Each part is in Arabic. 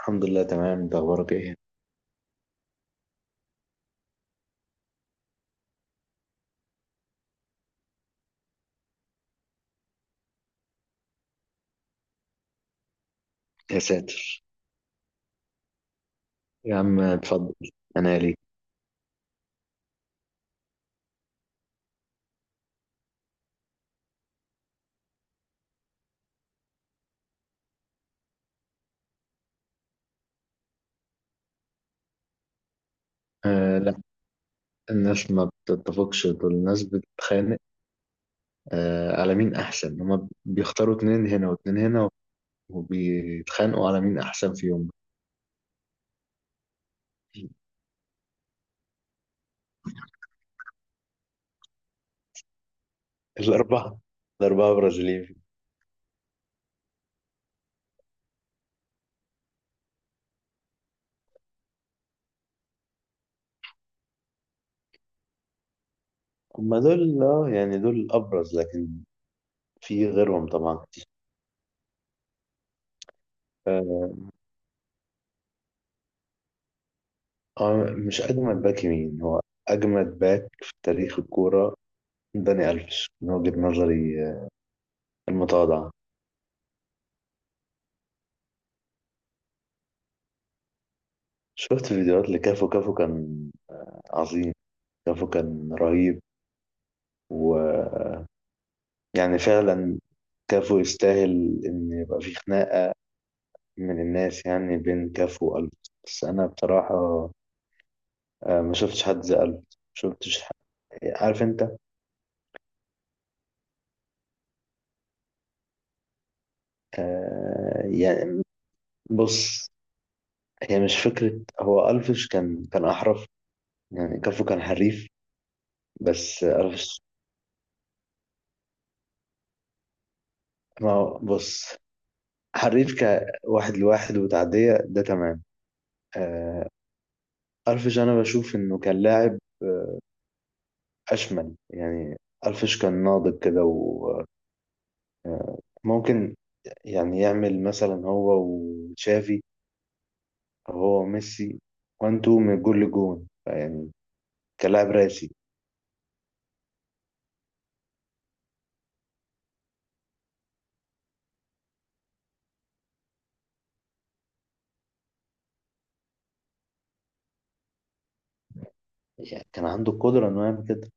الحمد لله، تمام. انت اخبارك ايه؟ يا ساتر. يا عم، اتفضل انا ليك. آه، لا. الناس ما بتتفقش، دول الناس بتتخانق على مين احسن. هما بيختاروا اتنين هنا واتنين هنا، وبيتخانقوا على مين احسن فيهم. الاربعه. الاربعه برازيليين. هما دول يعني دول ابرز، لكن في غيرهم طبعا كتير. آه مش اجمد باك يمين، هو اجمد باك في تاريخ الكوره. داني الفيش، من وجهه نظري المتواضعه. شفت فيديوهات لكافو. كافو كان عظيم. كافو كان رهيب. ويعني فعلا كافو يستاهل إن يبقى في خناقة من الناس، يعني بين كافو وقلب. بس أنا بصراحة ما شفتش حد زي قلب، ما شفتش حد. عارف أنت. يعني بص، هي مش فكرة. هو ألفش كان أحرف، يعني كافو كان حريف بس ألفش. ما هو- بص، حريف كواحد لواحد وتعدية، ده تمام. آه، ألفيش أنا بشوف إنه كان لاعب أشمل يعني. ألفيش كان ناضج كده، وممكن يعني يعمل مثلا هو وتشافي أو هو وميسي وان تو من جول لجون يعني. كان لاعب راسي. يعني كان عنده القدرة إنه يعمل كده.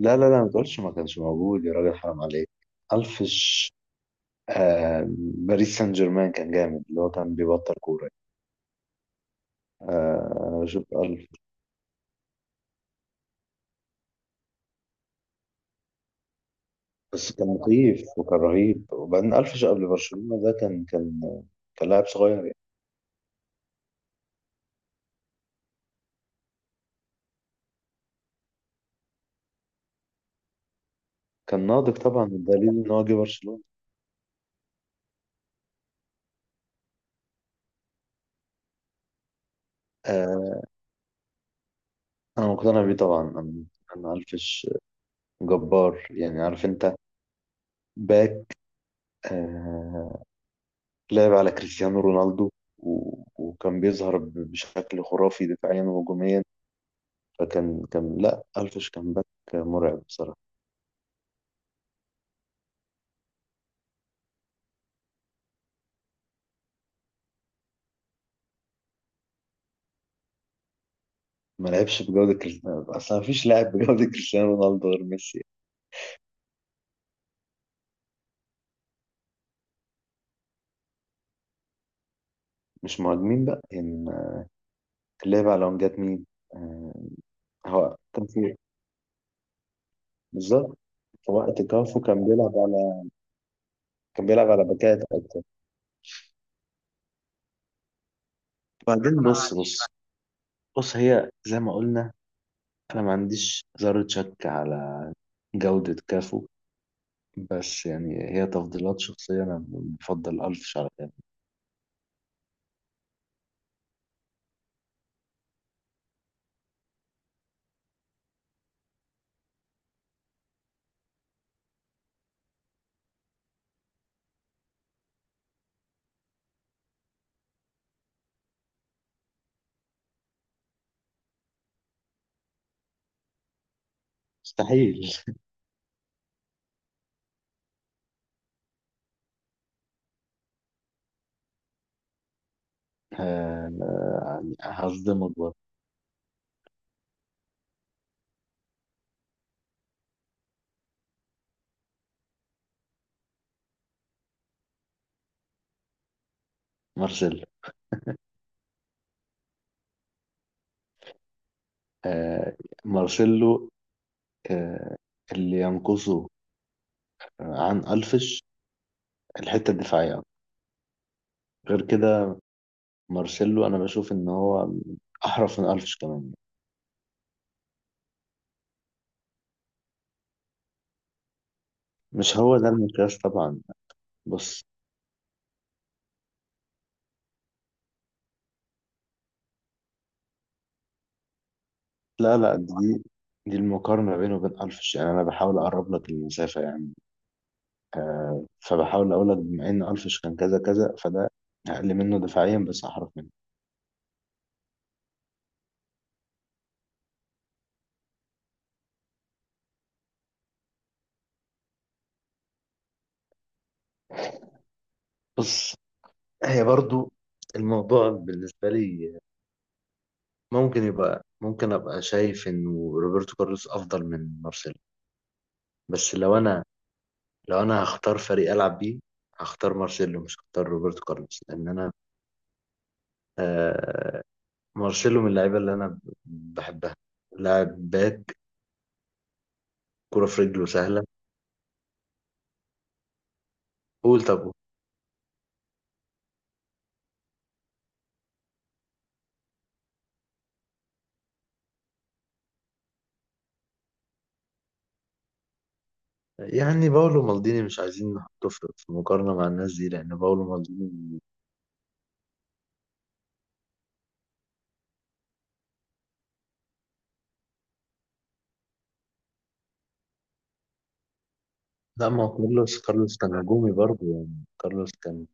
لا، لا، لا، ما تقولش ما كانش موجود يا راجل، حرام عليك. ألفيش آه باريس سان جيرمان كان جامد، اللي هو كان بيبطل كورة. أنا بشوف. بس كان مخيف وكان رهيب، وبعدين ألفش قبل برشلونة ده كان كان لاعب صغير يعني. كان ناضج طبعا، الدليل إن هو جه برشلونة. آه أنا مقتنع بيه طبعا أنا. أنا ألفش جبار يعني، عارف أنت. باك، آه لعب على كريستيانو رونالدو، وكان بيظهر بشكل خرافي دفاعيا وهجوميا. فكان كان لا ألفش كان باك مرعب بصراحة. ما لعبش بجودة كريستيانو أصلا، مفيش لاعب بجودة كريستيانو رونالدو غير ميسي. مش مهاجمين بقى يعني، ليه بقى لو جت مين. آه، هو كان في. بالظبط، في وقت كافو كان بيلعب على باكات اكتر. وبعدين بص، بص، بص، هي زي ما قلنا. انا ما عنديش ذرة شك على جودة كافو، بس يعني هي تفضيلات شخصية، انا بفضل الف شرط يعني. مستحيل. آه، يعني هصدمك برضه. مارسيلو. آه، مارسيلو، آه، اللي ينقصه عن الفش الحتة الدفاعية. غير كده، مارسيلو انا بشوف ان هو احرف من الفش كمان. مش هو ده المقياس طبعا، بس. لا، لا، دي المقارنه بينه وبين الفش، يعني انا بحاول اقرب لك المسافه يعني. فبحاول اقول لك، بما ان الفش كان كذا كذا، فده اقل منه دفاعيا بس احرف منه. بص، هي برضو الموضوع بالنسبه لي، ممكن ابقى شايف انه روبرتو كارلوس افضل من مارسيلو. بس لو انا هختار فريق العب بيه، هختار مارسيلو مش هختار روبرتو كارلوس، لان انا آه مارسيلو من اللعيبه اللي انا بحبها. لاعب باك، كرة في رجله سهله. قول طب. يعني باولو مالديني مش عايزين نحطه في مقارنه مع الناس دي، لان باولو مالديني. لا، ما هو كارلوس. كارلوس كان هجومي برضه، يعني كارلوس كان.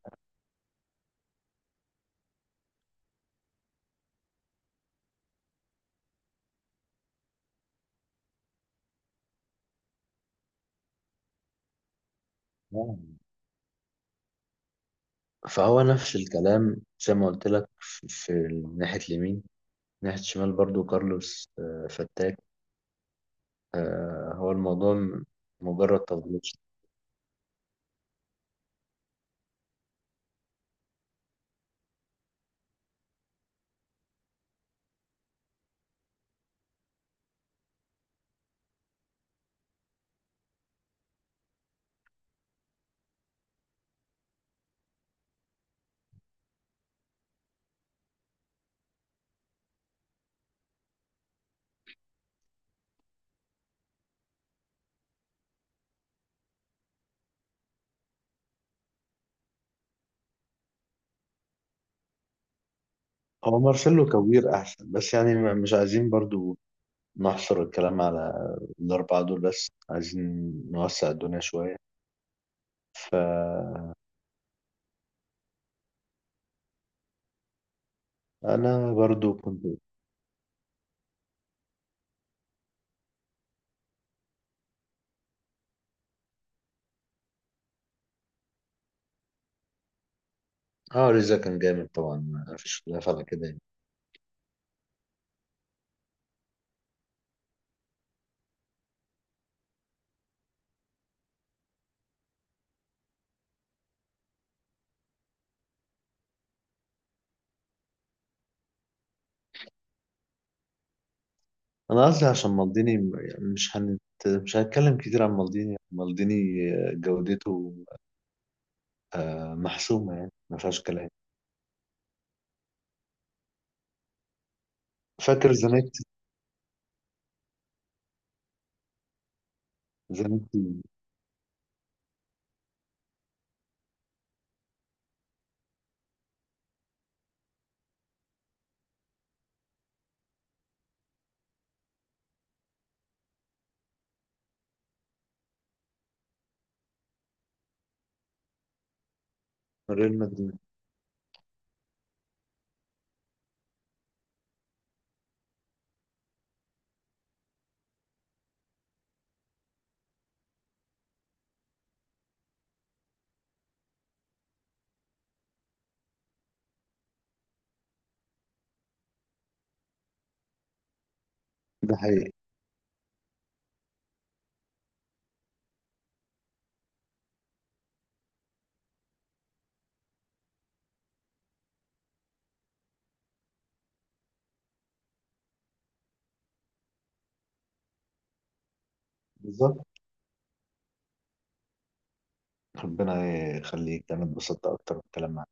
آه. فهو نفس الكلام، زي ما قلت لك في ناحيه اليمين، ناحيه الشمال برضه كارلوس فتاك. هو الموضوع مجرد تفضيل. هو مارسيلو كوير احسن، بس يعني مش عايزين برضو نحصر الكلام على الأربعة دول بس، عايزين نوسع الدنيا شوية. فأنا برضو كنت. اه ريزا كان جامد طبعا، مفيش خلاف على كده يعني. أنا قصدي عشان مالديني، يعني مش هنتكلم كتير عن مالديني. مالديني جودته محسومة، يعني ما فيهاش كلام. فاكر زانيتي؟ زانيتي. ريال مدريد. ده حقيقي. بالظبط. ربنا يخليك، أنا اتبسطت أكتر بالكلام معاك.